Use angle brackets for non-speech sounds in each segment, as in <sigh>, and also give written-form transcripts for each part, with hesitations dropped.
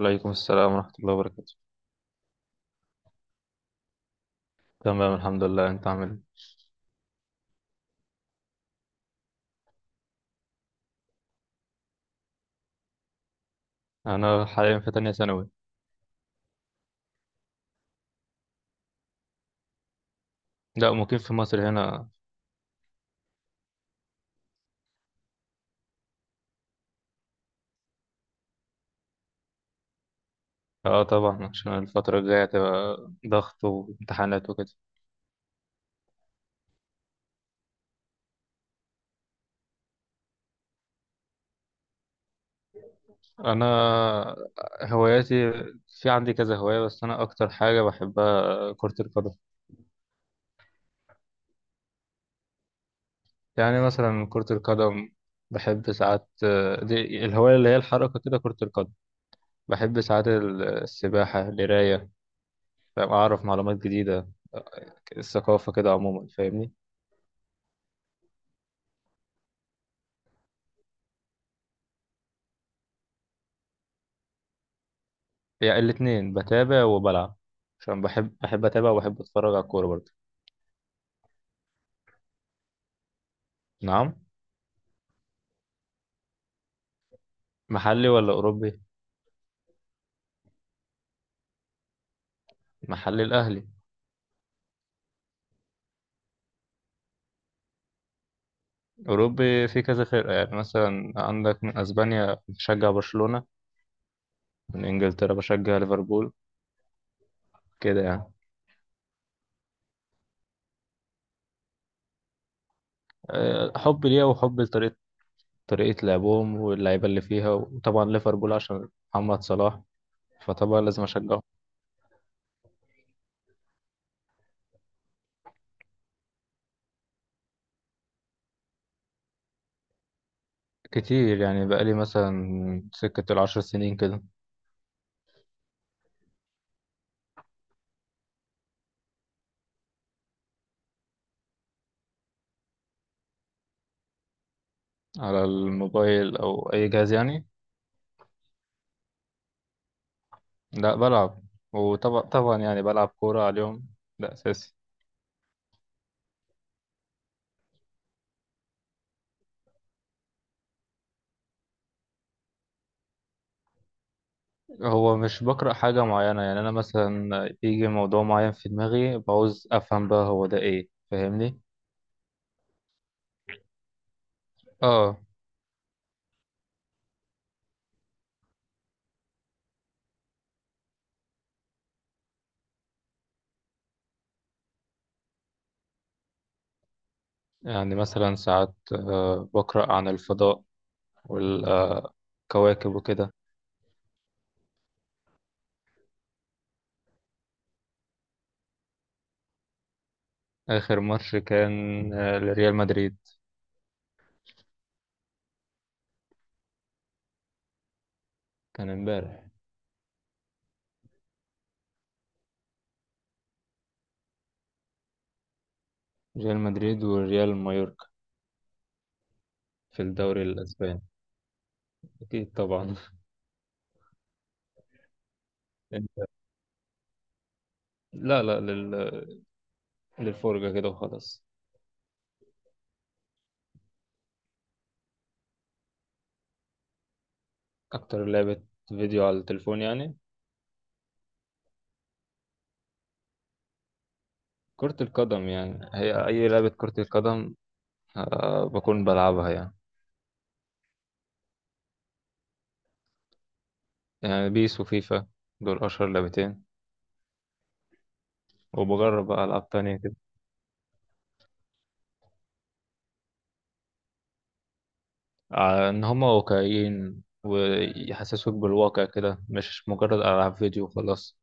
وعليكم السلام ورحمة الله وبركاته. تمام الحمد لله، انت عامل ايه؟ انا حاليا في تانية ثانوي. لا مقيم في مصر هنا. اه طبعا عشان الفترة الجاية هتبقى ضغط وامتحانات وكده. انا هواياتي، في عندي كذا هواية بس انا اكتر حاجة بحبها كرة القدم. يعني مثلا كرة القدم بحب ساعات، دي الهواية اللي هي الحركة كده كرة القدم. بحب ساعات السباحة، القراية، فاهم؟ أعرف معلومات جديدة، الثقافة كده عموما، فاهمني؟ يعني الاتنين، بتابع وبلعب عشان بحب اتابع وبحب اتفرج على الكورة برضه. نعم، محلي ولا اوروبي؟ محلي الاهلي. اوروبي في كذا فرقة، يعني مثلا عندك من اسبانيا بشجع برشلونة، من انجلترا بشجع ليفربول، كده يعني. حب ليها وحب لطريقة لعبهم واللعيبة اللي فيها، وطبعا ليفربول عشان محمد صلاح، فطبعا لازم أشجعه. كتير يعني، بقالي مثلا سكة ال10 سنين كده. على الموبايل أو أي جهاز يعني؟ لا بلعب، وطبعا يعني بلعب كورة على اليوم، ده أساسي. هو مش بقرأ حاجة معينة، يعني أنا مثلا يجي موضوع معين في دماغي بعوز أفهم بقى هو ده إيه، فاهمني؟ آه. يعني مثلا ساعات بقرأ عن الفضاء والكواكب وكده. آخر ماتش كان لريال مدريد. كان امبارح. ريال مدريد والريال مايوركا، في الدوري الأسباني. أكيد طبعا. <laughs> لا لا لل... للفرجة كده وخلاص. أكتر لعبة فيديو على التليفون يعني؟ كرة القدم يعني، هي أي لعبة كرة القدم بكون بلعبها يعني. يعني بيس وفيفا، دول أشهر 2، وبجرب بقى ألعاب تانية كده. إن هما واقعيين ويحسسوك بالواقع كده، مش مجرد ألعاب فيديو وخلاص.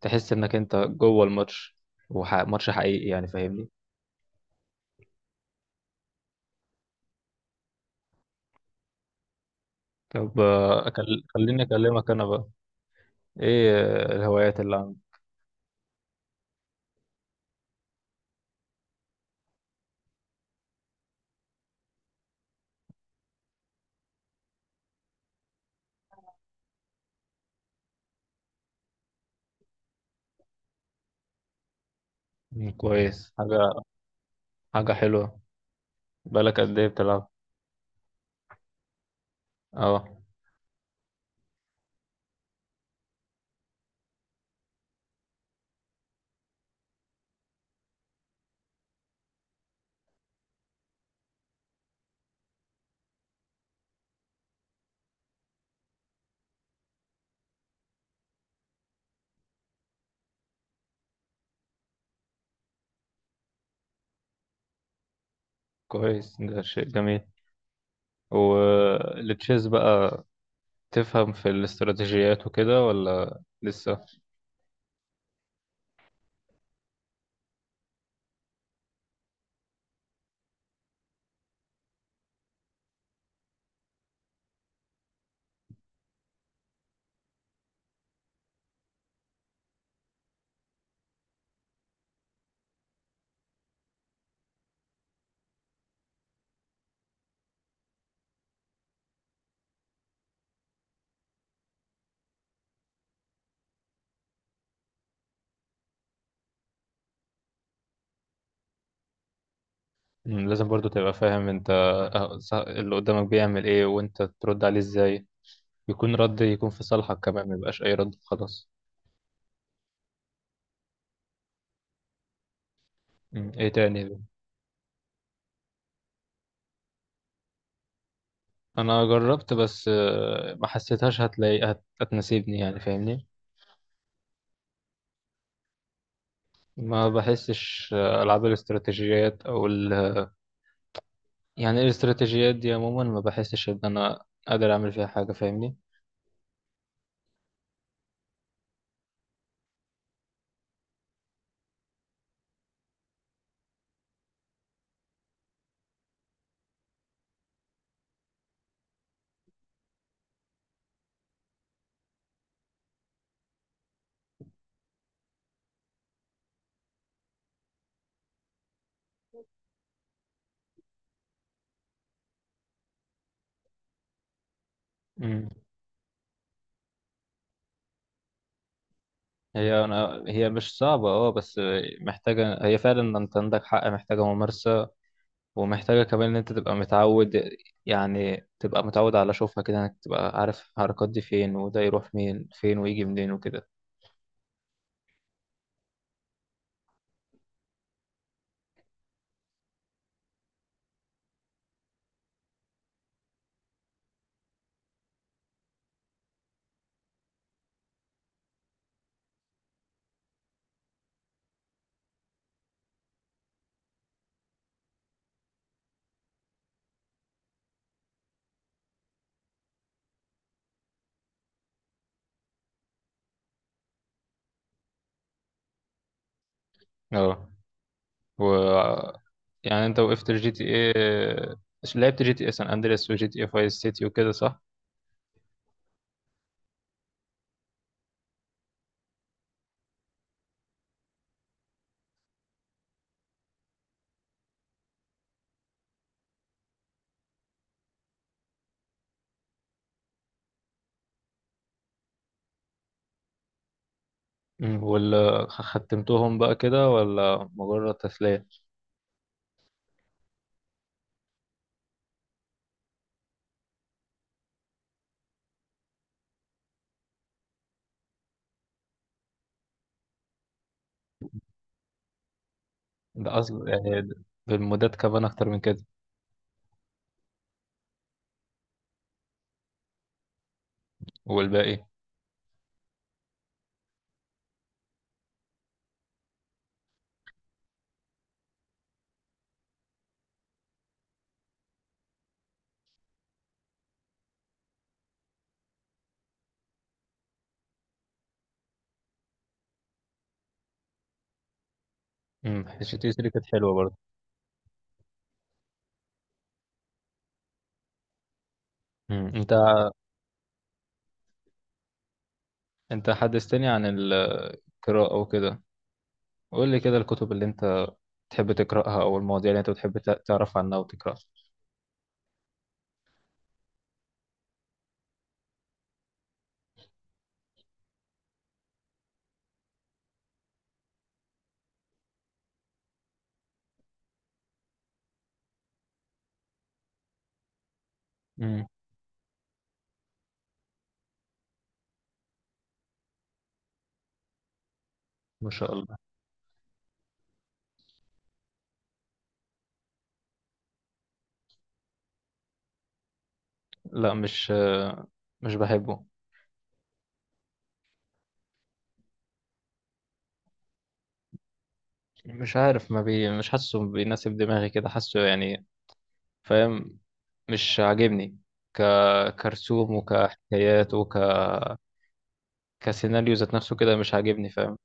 تحس إنك أنت جوه الماتش، وماتش حقيقي يعني، فاهمني؟ طب خليني أكلمك أنا بقى. إيه الهوايات اللي عندك؟ كويس حاجة، حاجة حلوة. بقالك قد إيه بتلعب؟ اه. كويس، ده شيء جميل. والتشيز بقى، تفهم في الاستراتيجيات وكده ولا لسه؟ مم، لازم برضو تبقى فاهم انت اللي قدامك بيعمل ايه وانت ترد عليه ازاي، يكون رد يكون في صالحك كمان، ما يبقاش اي رد خلاص. ايه تاني بقى؟ انا جربت بس ما حسيتهاش هتناسبني يعني، فاهمني؟ ما بحسش العاب الاستراتيجيات او ال... يعني الاستراتيجيات دي عموما ما بحسش ان انا قادر اعمل فيها حاجة، فاهمني؟ مم. هي مش صعبة اه، بس محتاجة، هي فعلا انت عندك حق، محتاجة ممارسة، ومحتاجة كمان ان انت تبقى متعود، يعني تبقى متعود على شوفها كده، انك تبقى عارف الحركات دي فين، وده يروح مين فين ويجي منين وكده. اه. و يعني انت وقفت الجي تي ايه؟ لعبت جي تي ايه سان اندريس وجي تي ايه فايس سيتي وكده، صح؟ مم. ولا ختمتهم بقى كده ولا مجرد تسلية؟ ده اصلا يعني بالمودات كمان اكتر من كده. والباقي؟ امم، حسيت دي كانت حلوة برضه. امم. انت انت حدثتني عن القراءة وكده، قول لي كده الكتب اللي انت بتحب تقرأها او المواضيع اللي انت بتحب تعرف عنها وتقرأها. امم، ما شاء الله. لا مش، مش بحبه. مش عارف، ما بي مش حاسه بيناسب دماغي كده، حاسه يعني، فاهم؟ مش عاجبني، ك كرسوم وكحكايات وك كسيناريو ذات نفسه كده مش عاجبني، فاهم؟